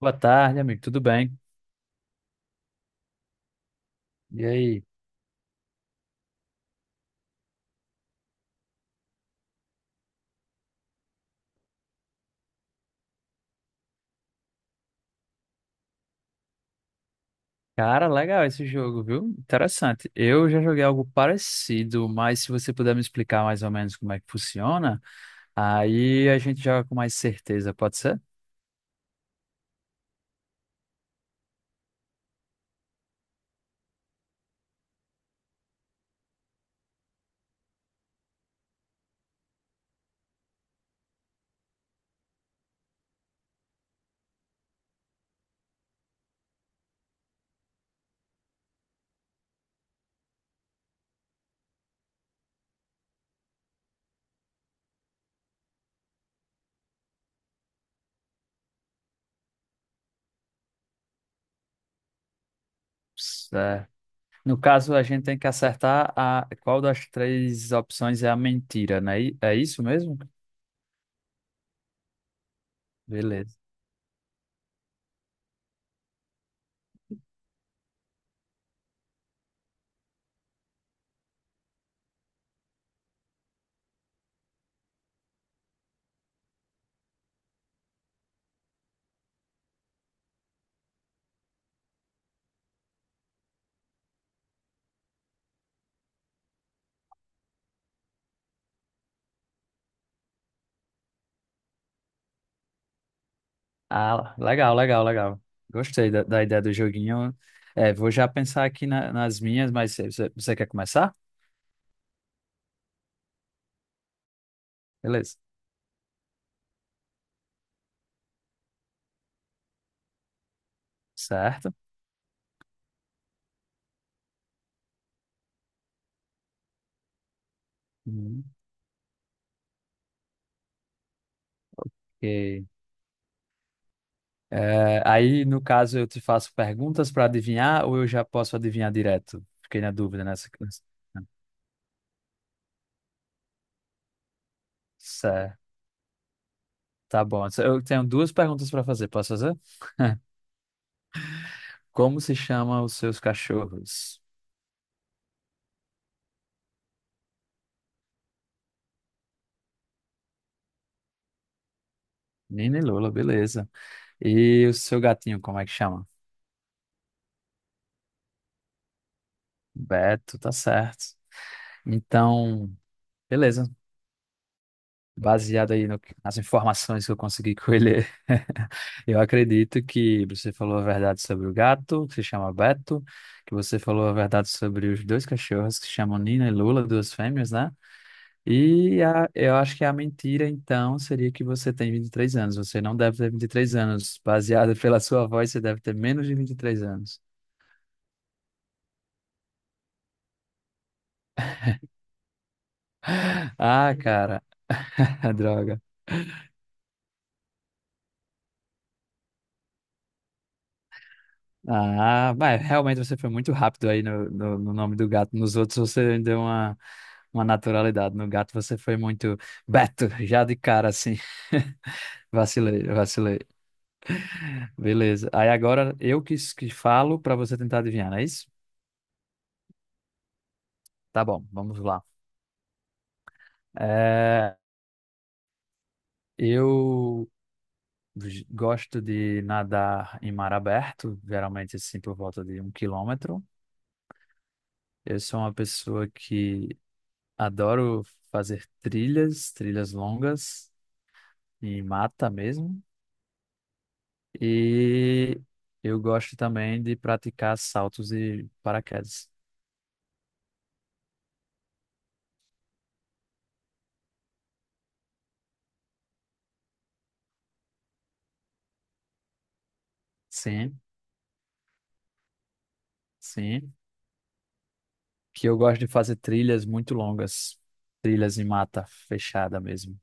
Boa tarde, amigo. Tudo bem? E aí? Cara, legal esse jogo, viu? Interessante. Eu já joguei algo parecido, mas se você puder me explicar mais ou menos como é que funciona, aí a gente joga com mais certeza, pode ser? Certo. No caso, a gente tem que acertar a qual das três opções é a mentira, né? É isso mesmo? Beleza. Ah, legal, legal, legal. Gostei da ideia do joguinho. É, vou já pensar aqui nas minhas, mas você quer começar? Beleza. Certo. Hum, ok. É, aí, no caso, eu te faço perguntas para adivinhar ou eu já posso adivinhar direto? Fiquei na dúvida nessa. Certo, tá bom. Eu tenho duas perguntas para fazer. Posso fazer? Como se chama os seus cachorros? Nina e Lula, beleza. E o seu gatinho, como é que chama? Beto, tá certo. Então, beleza. Baseado aí no que- nas informações que eu consegui colher, eu acredito que você falou a verdade sobre o gato, que se chama Beto, que você falou a verdade sobre os dois cachorros que se chamam Nina e Lula, duas fêmeas, né? E a, eu acho que a mentira, então, seria que você tem 23 anos. Você não deve ter 23 anos. Baseado pela sua voz, você deve ter menos de 23 anos. Ah, cara. Droga. Ah, mas realmente você foi muito rápido aí no, no, no nome do gato. Nos outros você deu uma naturalidade. No gato você foi muito Beto, já de cara assim. Vacilei, vacilei. Beleza. Aí agora eu que falo para você tentar adivinhar, não é isso? Tá bom, vamos lá. É, eu gosto de nadar em mar aberto, geralmente assim por volta de um quilômetro. Eu sou uma pessoa que adoro fazer trilhas, trilhas longas. Em mata mesmo. E eu gosto também de praticar saltos e paraquedas. Sim, sim. Que eu gosto de fazer trilhas muito longas, trilhas em mata fechada mesmo.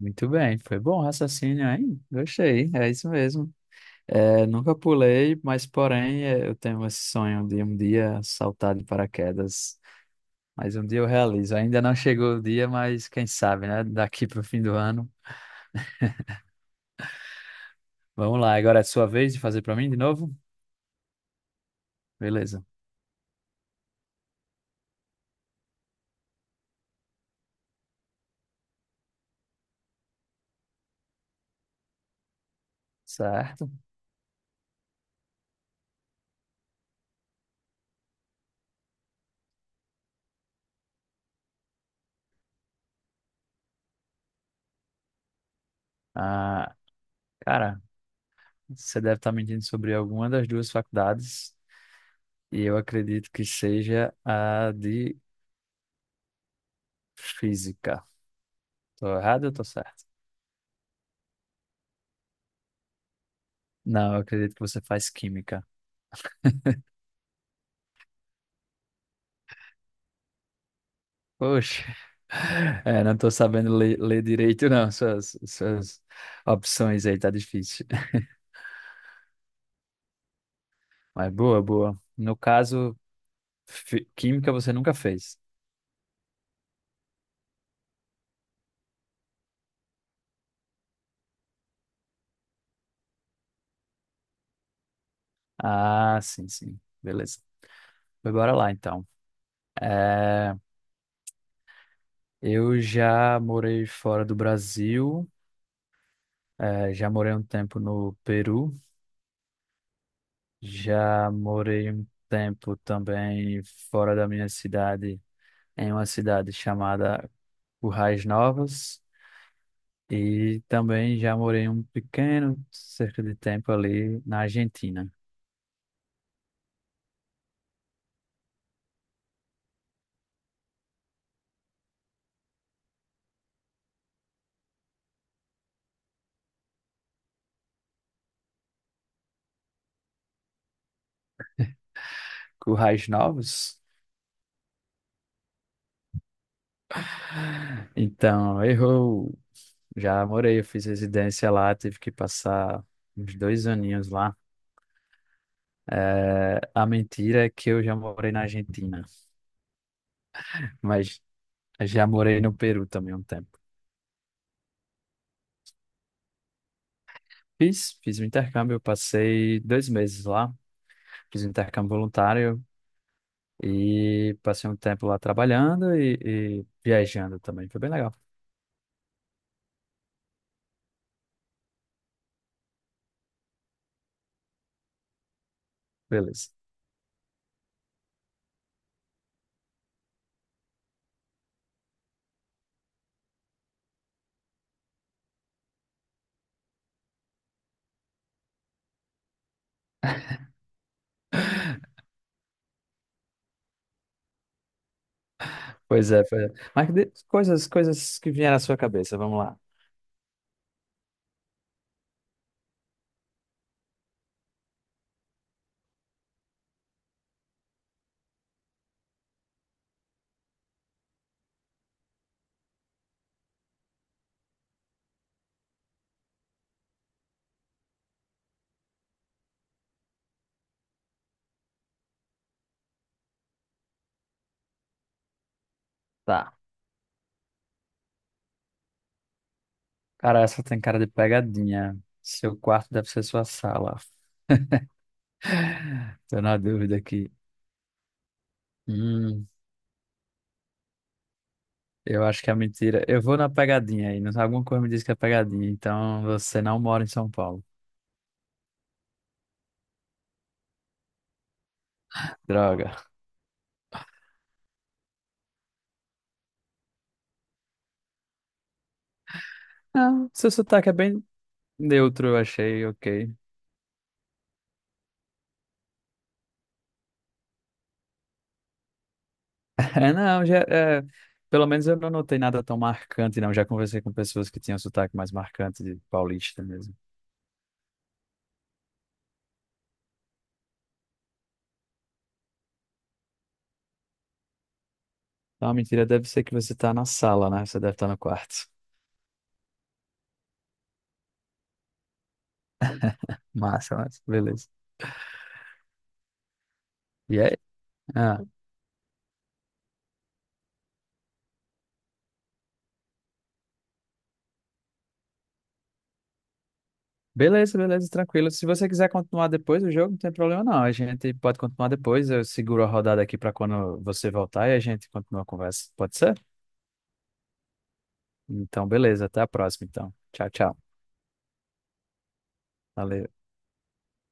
Muito bem, foi bom o raciocínio, hein? Gostei, é isso mesmo. É, nunca pulei, mas porém é, eu tenho esse sonho de um dia saltar de paraquedas. Mas um dia eu realizo. Ainda não chegou o dia, mas quem sabe, né? Daqui para o fim do ano. Vamos lá, agora é sua vez de fazer para mim de novo? Beleza. Certo. Ah, cara, você deve estar me mentindo sobre alguma das duas faculdades, e eu acredito que seja a de física. Tô errado ou tô certo? Não, eu acredito que você faz química. Poxa, é, não tô sabendo ler, direito, não. Suas opções aí tá difícil. Mas boa, boa. No caso, química você nunca fez. Ah, sim, sim. Beleza. Mas Bora lá, então. É, eu já morei fora do Brasil, já morei um tempo no Peru, já morei um tempo também fora da minha cidade, em uma cidade chamada Currais Novas e também já morei um pequeno cerca de tempo ali na Argentina. Currais Novos? Então, errou! Já morei, eu fiz residência lá, tive que passar uns 2 aninhos lá. É, a mentira é que eu já morei na Argentina, mas já morei no Peru também um tempo. Fiz, fiz um intercâmbio, eu passei 2 meses lá, fiz um intercâmbio voluntário e passei um tempo lá trabalhando e viajando também. Foi bem legal. Beleza. Pois é, pois é. Mas coisas que vieram à sua cabeça, vamos lá. Tá. Cara, essa tem cara de pegadinha. Seu quarto deve ser sua sala. Tô na dúvida aqui. Hum, Eu acho que é mentira. Eu vou na pegadinha aí. Alguma coisa me diz que é pegadinha. Então você não mora em São Paulo. Droga. Não, seu sotaque é bem neutro, eu achei, ok. É, não, já, é, pelo menos eu não notei nada tão marcante, não. Já conversei com pessoas que tinham sotaque mais marcante de paulista mesmo. Então a mentira deve ser que você tá na sala, né? Você deve estar no quarto. Massa, mas beleza. E aí? Ah. Beleza, beleza, tranquilo. Se você quiser continuar depois do jogo, não tem problema não. A gente pode continuar depois. Eu seguro a rodada aqui para quando você voltar e a gente continua a conversa. Pode ser? Então, beleza. Até a próxima, então. Tchau, tchau. Valeu.